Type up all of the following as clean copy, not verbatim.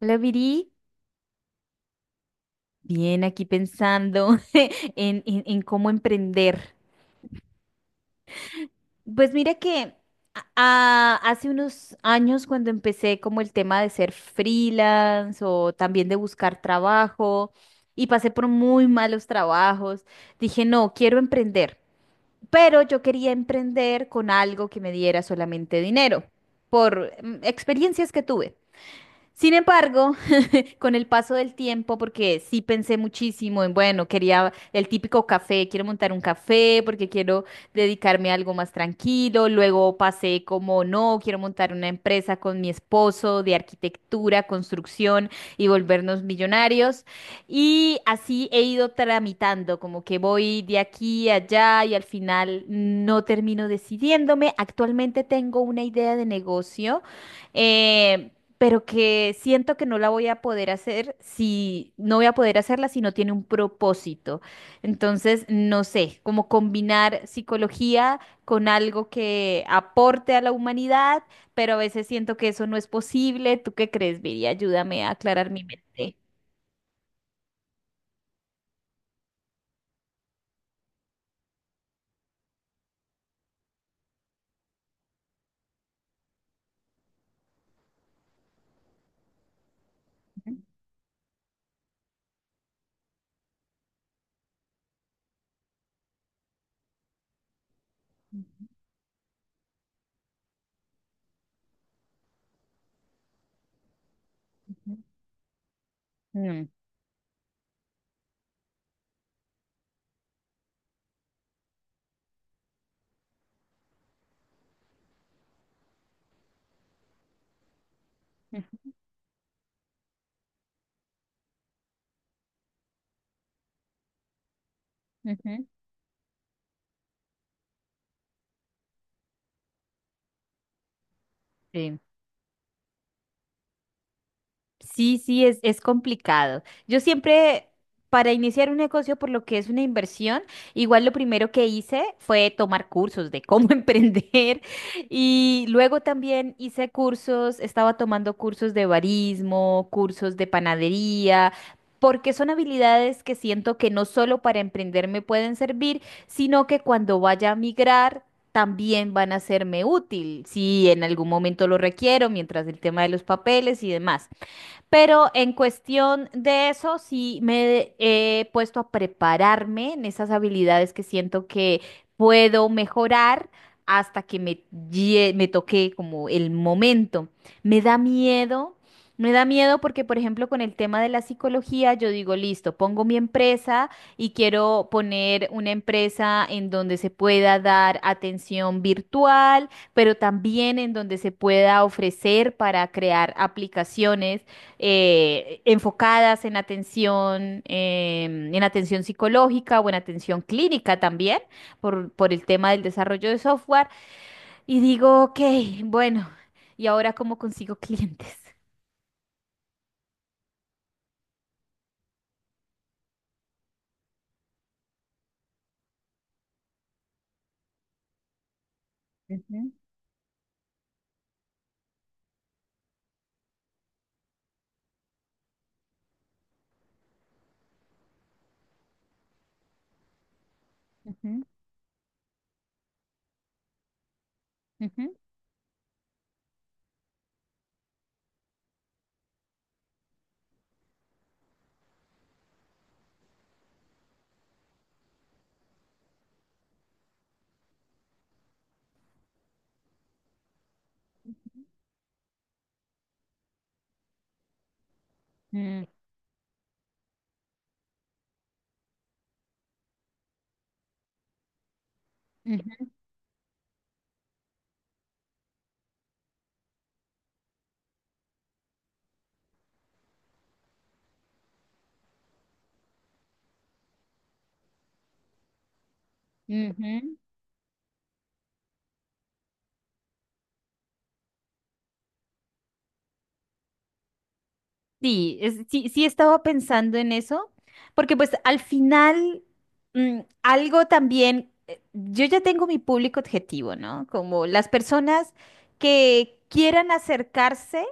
Hola, Viri. Bien, aquí pensando en cómo emprender. Pues mira que hace unos años cuando empecé como el tema de ser freelance o también de buscar trabajo y pasé por muy malos trabajos, dije, no, quiero emprender, pero yo quería emprender con algo que me diera solamente dinero por experiencias que tuve. Sin embargo, con el paso del tiempo, porque sí pensé muchísimo en, bueno, quería el típico café, quiero montar un café porque quiero dedicarme a algo más tranquilo. Luego pasé como, no, quiero montar una empresa con mi esposo de arquitectura, construcción y volvernos millonarios. Y así he ido tramitando, como que voy de aquí a allá y al final no termino decidiéndome. Actualmente tengo una idea de negocio. Eh, pero que siento que no la voy a poder hacer si no voy a poder hacerla si no tiene un propósito. Entonces, no sé, como combinar psicología con algo que aporte a la humanidad, pero a veces siento que eso no es posible. ¿Tú qué crees, Viri? Ayúdame a aclarar mi mente. Ujú, ujú, ujú, ujú. Sí. Sí, sí, es complicado. Yo siempre, para iniciar un negocio, por lo que es una inversión, igual lo primero que hice fue tomar cursos de cómo emprender y luego también hice cursos, estaba tomando cursos de barismo, cursos de panadería. Porque son habilidades que siento que no solo para emprender me pueden servir, sino que cuando vaya a migrar también van a serme útil, si en algún momento lo requiero, mientras el tema de los papeles y demás. Pero en cuestión de eso, sí me he puesto a prepararme en esas habilidades que siento que puedo mejorar hasta que me toque como el momento. Me da miedo. Me da miedo porque, por ejemplo, con el tema de la psicología, yo digo, listo, pongo mi empresa y quiero poner una empresa en donde se pueda dar atención virtual, pero también en donde se pueda ofrecer para crear aplicaciones enfocadas en atención, en atención psicológica o en atención clínica también, por el tema del desarrollo de software. Y digo, ok, bueno, ¿y ahora cómo consigo clientes? Ujú, ujú, ujú, mm, ujú, ujú. Sí, sí, sí estaba pensando en eso, porque pues al final algo también, yo ya tengo mi público objetivo, ¿no? Como las personas que quieran acercarse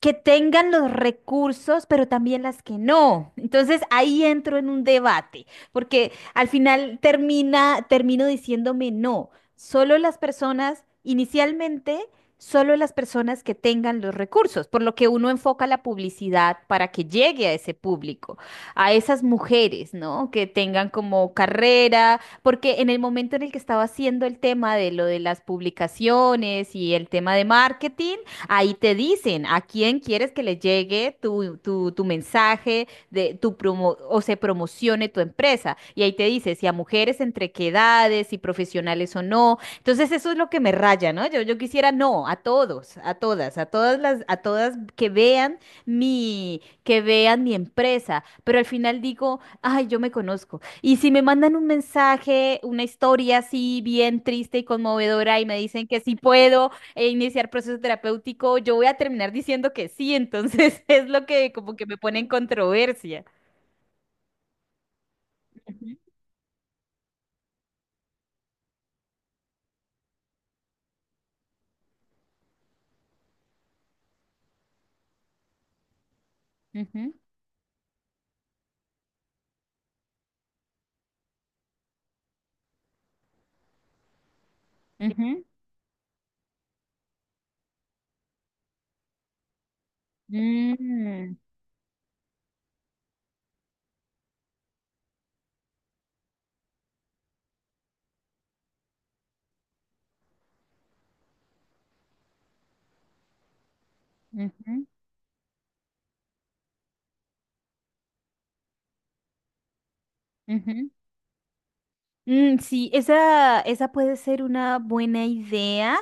que tengan los recursos, pero también las que no. Entonces ahí entro en un debate, porque al final termino diciéndome no, solo las personas, inicialmente, solo las personas que tengan los recursos, por lo que uno enfoca la publicidad para que llegue a ese público, a esas mujeres, ¿no? Que tengan como carrera, porque en el momento en el que estaba haciendo el tema de lo de las publicaciones y el tema de marketing, ahí te dicen a quién quieres que le llegue tu mensaje de tu promo o se promocione tu empresa. Y ahí te dice si a mujeres entre qué edades, si profesionales o no. Entonces eso es lo que me raya, ¿no? Yo quisiera no, a todos, a todas que vean que vean mi empresa. Pero al final digo, ay, yo me conozco. Y si me mandan un mensaje, una historia así bien triste y conmovedora y me dicen que sí puedo e iniciar proceso terapéutico, yo voy a terminar diciendo que sí, entonces es lo que como que me pone en controversia. Ujú, ujú, ujú, mm, ujú, ujú. Mm, sí, esa puede ser una buena idea.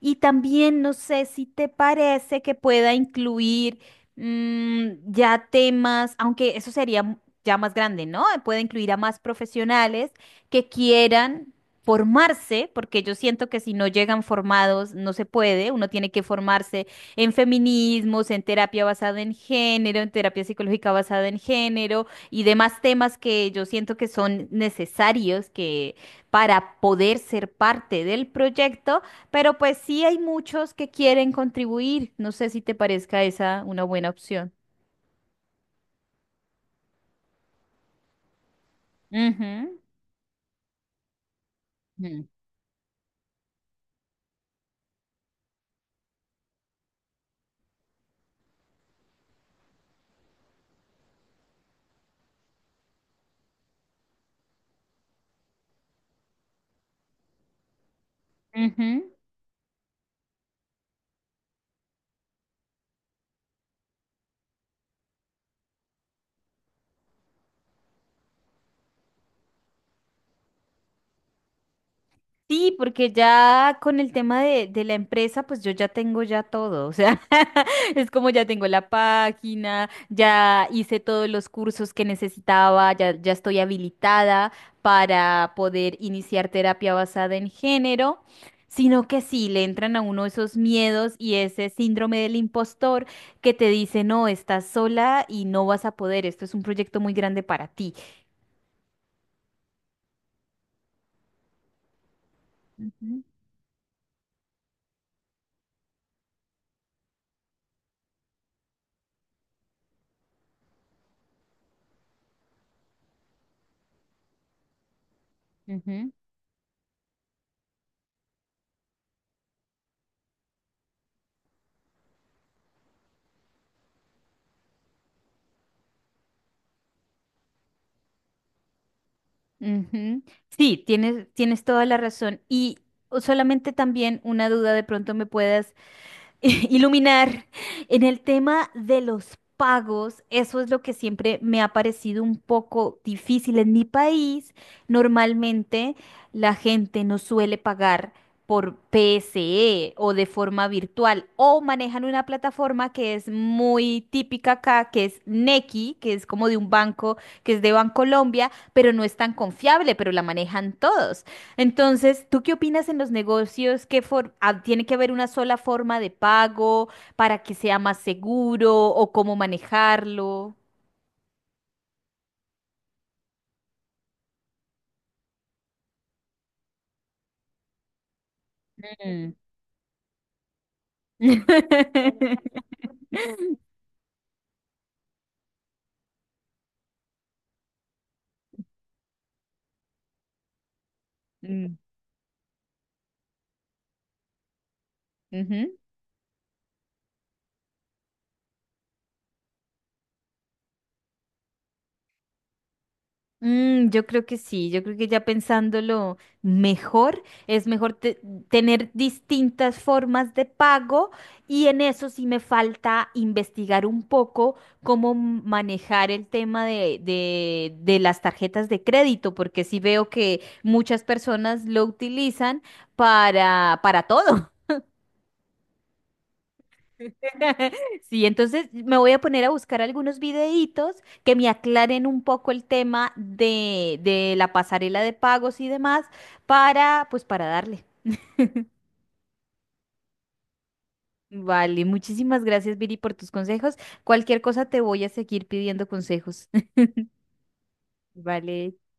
Y también, no sé si te parece que pueda incluir ya temas, aunque eso sería ya más grande, ¿no? Puede incluir a más profesionales que quieran formarse, porque yo siento que si no llegan formados no se puede. Uno tiene que formarse en feminismos, en terapia basada en género, en terapia psicológica basada en género y demás temas que yo siento que son necesarios que para poder ser parte del proyecto, pero pues sí hay muchos que quieren contribuir. No sé si te parezca esa una buena opción. Ujú, mm. Ujú. Sí, porque ya con el tema de la empresa, pues yo ya tengo ya todo, o sea, es como ya tengo la página, ya hice todos los cursos que necesitaba, ya estoy habilitada para poder iniciar terapia basada en género, sino que sí, le entran a uno esos miedos y ese síndrome del impostor que te dice, no, estás sola y no vas a poder, esto es un proyecto muy grande para ti. Ujú, ujú. Ujú. Sí, tienes toda la razón. Y solamente también una duda de pronto me puedas iluminar en el tema de los pagos. Eso es lo que siempre me ha parecido un poco difícil en mi país. Normalmente la gente no suele pagar por PSE o de forma virtual o manejan una plataforma que es muy típica acá, que es Nequi, que es como de un banco, que es de Bancolombia, pero no es tan confiable, pero la manejan todos. Entonces, ¿tú qué opinas en los negocios? Ah, tiene que haber una sola forma de pago para que sea más seguro o cómo manejarlo? Mm. Mm, ujú. Mm, yo creo que sí, yo creo que ya pensándolo mejor, es mejor tener distintas formas de pago y en eso sí me falta investigar un poco cómo manejar el tema de, de las tarjetas de crédito, porque sí veo que muchas personas lo utilizan para todo. Sí, entonces me voy a poner a buscar algunos videitos que me aclaren un poco el tema de, la pasarela de pagos y demás para, pues para darle. Vale, muchísimas gracias, Viri, por tus consejos. Cualquier cosa te voy a seguir pidiendo consejos. Vale.